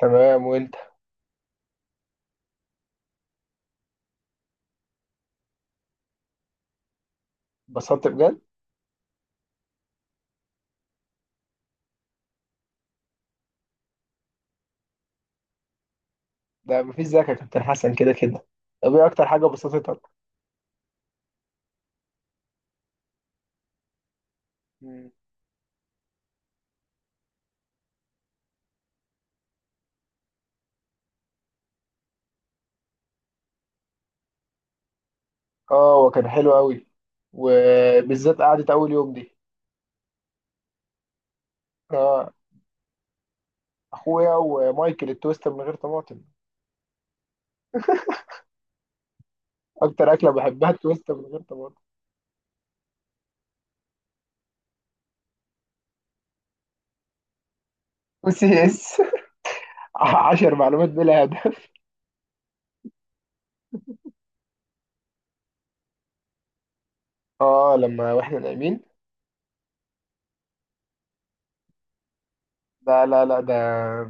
تمام وانت. اتبسطت بجد. ده مفيش زيك يا كابتن حسن كده كده. طب ايه اكتر حاجه بسطتك؟ مم. اه وكان حلو قوي وبالذات قعدة اول يوم دي. اه اخويا ومايكل التوست من غير طماطم. اكتر اكله بحبها التوست من غير طماطم. وسي اس 10 معلومات بلا هدف. اه لما واحنا نايمين. لا لا لا ده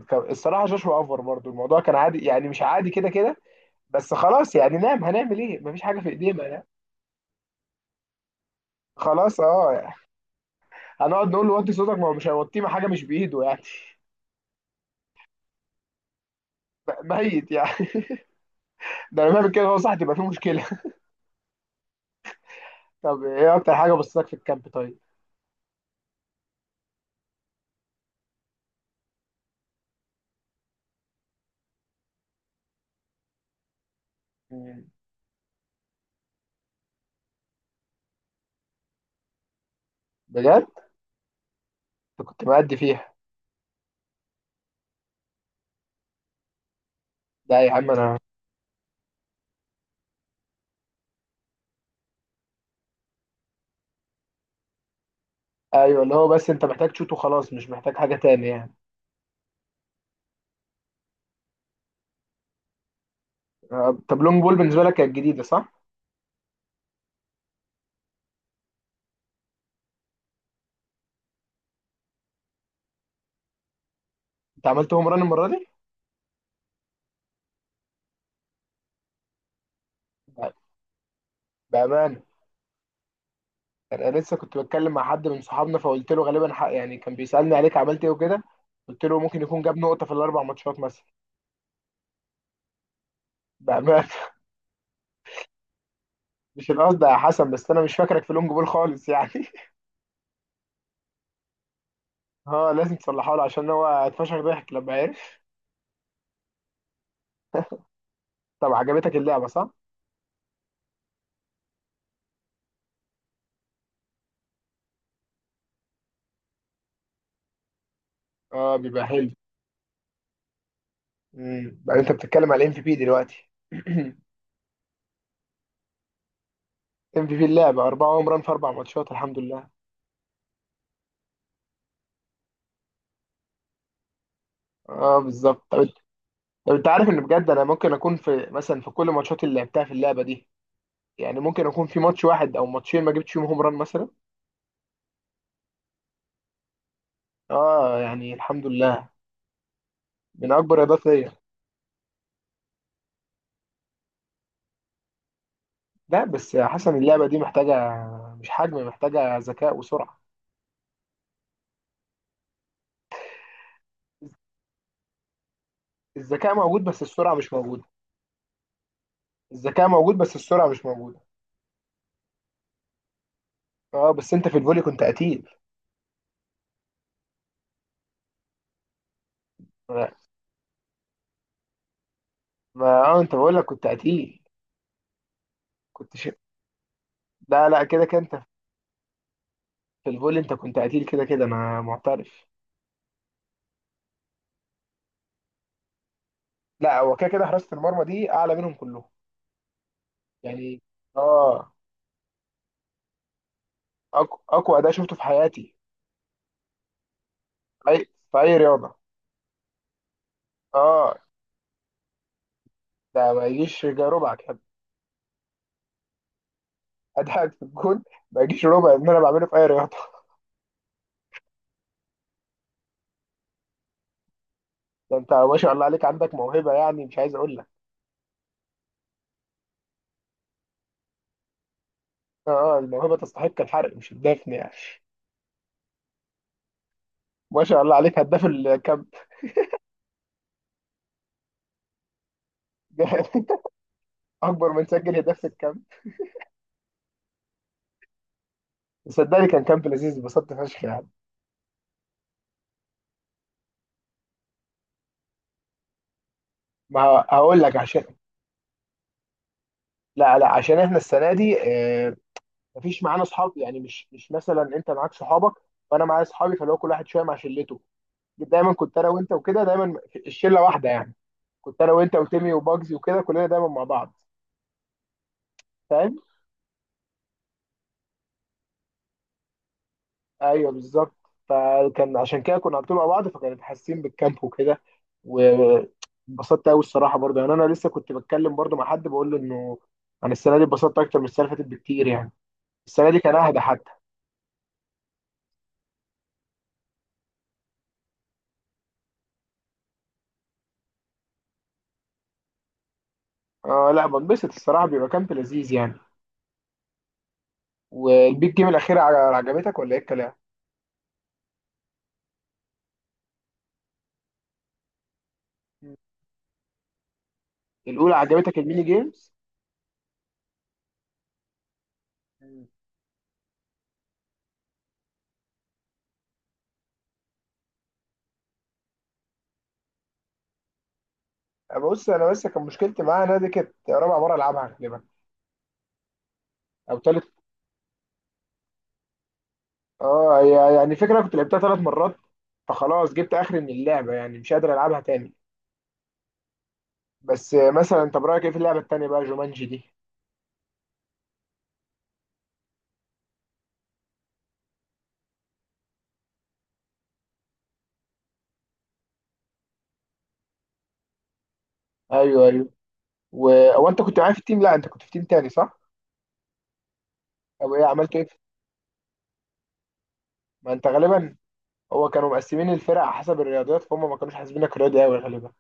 الصراحه شاشة اوفر برضو الموضوع كان عادي يعني مش عادي كده كده. بس خلاص يعني نام هنعمل ايه مفيش حاجه في ايدينا يعني. خلاص اه. هنقعد نقول له وطي صوتك ما هو مش هيوطيه ما حاجه مش بايده يعني. ميت يعني ده لما بيعمل كده هو صح تبقى في مشكله طب ايه اكتر حاجه بصتك في الكامب طيب؟ مم. بجد؟ أنت كنت مأدي فيها؟ لا يا عم انا. ايوه اللي هو بس انت محتاج تشوت وخلاص مش محتاج حاجه تاني يعني. طب لونج بول بالنسبه لك كانت جديده صح؟ انت عملت هوم ران المره دي؟ ب- بامانه. انا لسه كنت بتكلم مع حد من صحابنا فقلت له غالبا حق يعني كان بيسالني عليك عملت ايه وكده. قلت له ممكن يكون جاب نقطه في الاربع ماتشات مثلا. بامانه. مش القصد يا حسن بس انا مش فاكرك في لونج بول خالص يعني اه لازم تصلحه له عشان هو اتفشخ ضحك لما عرف. طب عجبتك اللعبه صح؟ اه بيبقى حلو. بقى انت بتتكلم على الام في بي دلوقتي ام في بي اللعبه 4 هوم ران في 4 ماتشات الحمد لله. اه بالظبط طب انت. طب انت عارف ان بجد انا ممكن اكون في مثلا في كل ماتشات اللي لعبتها في اللعبه دي. يعني ممكن اكون في ماتش واحد او ماتشين ما جبتش فيهم هوم ران مثلا. اه يعني الحمد لله. من اكبر رياضات ليا. لا بس يا حسن اللعبة دي محتاجة. مش حجم محتاجة ذكاء وسرعة. الذكاء موجود بس السرعة مش موجودة. الذكاء موجود بس السرعة مش موجودة. اه بس انت في الفولي كنت قتيل. ما اه انت بقول لك كنت قتيل. كنت ش... لا لا كده كده انت. في الفولي انت كنت قتيل كده كده انا معترف. لا هو كده كده حراسة المرمى دي اعلى منهم كلهم. يعني. اه. اقوى اداء شفته في حياتي. اي. في اي رياضة. اه ده ما يجيش ربع كده اداءك في الجون. ما يجيش ربع ان انا بعمله في اي رياضة. ده انت ما شاء الله عليك عندك موهبه يعني مش عايز اقول لك. اه الموهبه تستحق الحرق مش الدفن يعني. ما شاء الله عليك هداف الكامب. اكبر من سجل هداف في الكامب. صدقني كان كامب لذيذ اتبسطت فشخ يعني. ما هقول لك عشان. لا لا عشان احنا السنه دي مفيش معانا اصحاب يعني مش مثلا انت معاك صحابك. وانا معايا اصحابي فاللي هو كل واحد شويه مع شلته. دايما كنت انا وانت وكده دايما. الشله واحده يعني. كنت انا وانت وتيمي وباجزي وكده كلنا دايما مع بعض. فاهم؟ ايوه بالظبط. فكان عشان كده كنا على طول مع بعض فكانت حاسين بالكامب وكده. وانبسطت قوي الصراحه برضه يعني انا لسه كنت بتكلم برضه مع حد بقول له انه. انا السنه دي اتبسطت اكتر من السنه اللي فاتت بكتير يعني. السنه دي كان اهدى حتى. اه لا بنبسط الصراحه بيبقى كامب لذيذ يعني. والبيج جيم الاخيره عجبتك ولا ايه الكلام؟ مم. الاولى عجبتك الميني جيمز؟ مم. بص انا بس كان مشكلتي معاها انها دي كانت رابع مره العبها غالبا. او تالت. اه هي يعني فكرة كنت لعبتها 3 مرات. فخلاص جبت اخر من اللعبة يعني مش قادر العبها تاني. بس مثلا طب رأيك ايه في اللعبة التانية بقى جومانجي دي؟ ايوه ايوه. و... هو انت كنت معايا في التيم لا انت كنت في تيم تاني صح؟ او ايه عملت ايه. ما انت غالبا. هو كانوا مقسمين الفرق على حسب الرياضيات فهم ما كانوش حاسبينك رياضي قوي غالبا.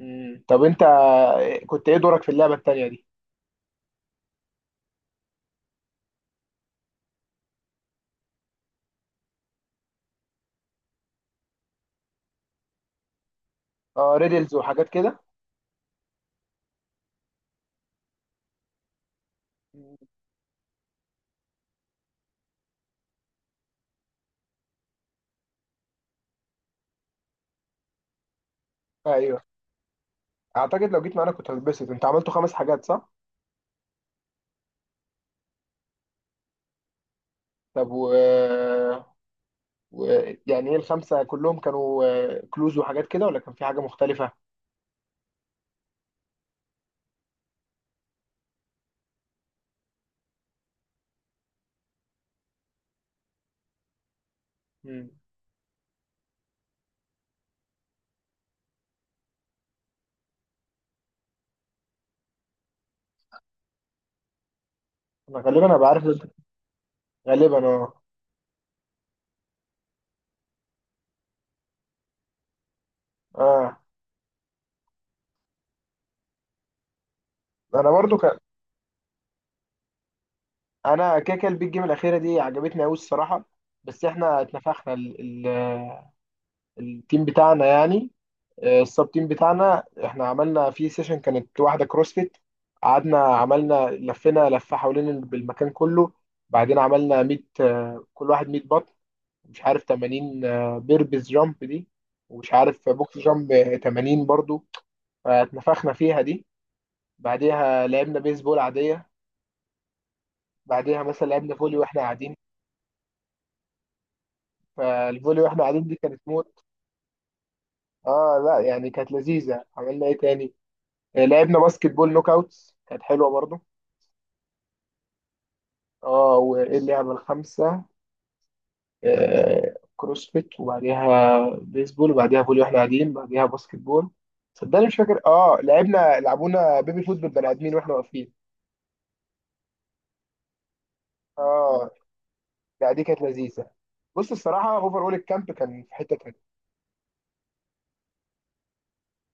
طب انت. كنت ايه دورك في اللعبة التانية دي؟ اه ريدلز وحاجات كده. مم. ايوه اعتقد لو جيت معانا كنت هتتبسط انت عملته 5 حاجات صح؟ طب و. ويعني ايه الخمسة كلهم كانوا كلوز وحاجات كده ولا كان في حاجة مختلفة؟ مم. انا غالبا انا بعرف. غالبا اه. اه انا برضو كان. انا كده كده البيج جيم الاخيرة دي عجبتني قوي الصراحة. بس احنا اتنفخنا ال... ال... آه، التيم بتاعنا يعني. السب تيم بتاعنا احنا عملنا في سيشن كانت واحدة كروسفيت. قعدنا عملنا لفينا لفة حوالين المكان كله. بعدين عملنا 100 كل واحد 100 بط. مش عارف 80. بيربز جامب دي. ومش عارف بوكس جامب 80 برضو. فاتنفخنا فيها دي. بعديها لعبنا بيسبول عادية. بعديها مثلا لعبنا فولي واحنا قاعدين. فالفولي واحنا قاعدين دي كانت موت. اه لا يعني كانت لذيذة عملنا ايه تاني. لعبنا باسكت بول نوك اوتس كانت حلوة برضو. اه وايه اللعبة الخامسة؟ كروسفيت وبعديها بيسبول وبعديها فولي واحنا قاعدين بعديها باسكت بول. صدقني مش فاكر اه لعبونا بيبي فوت بالبني ادمين واحنا واقفين. اه لا دي كانت لذيذه. بص الصراحه اوفر اول الكامب كان في حته تانيه.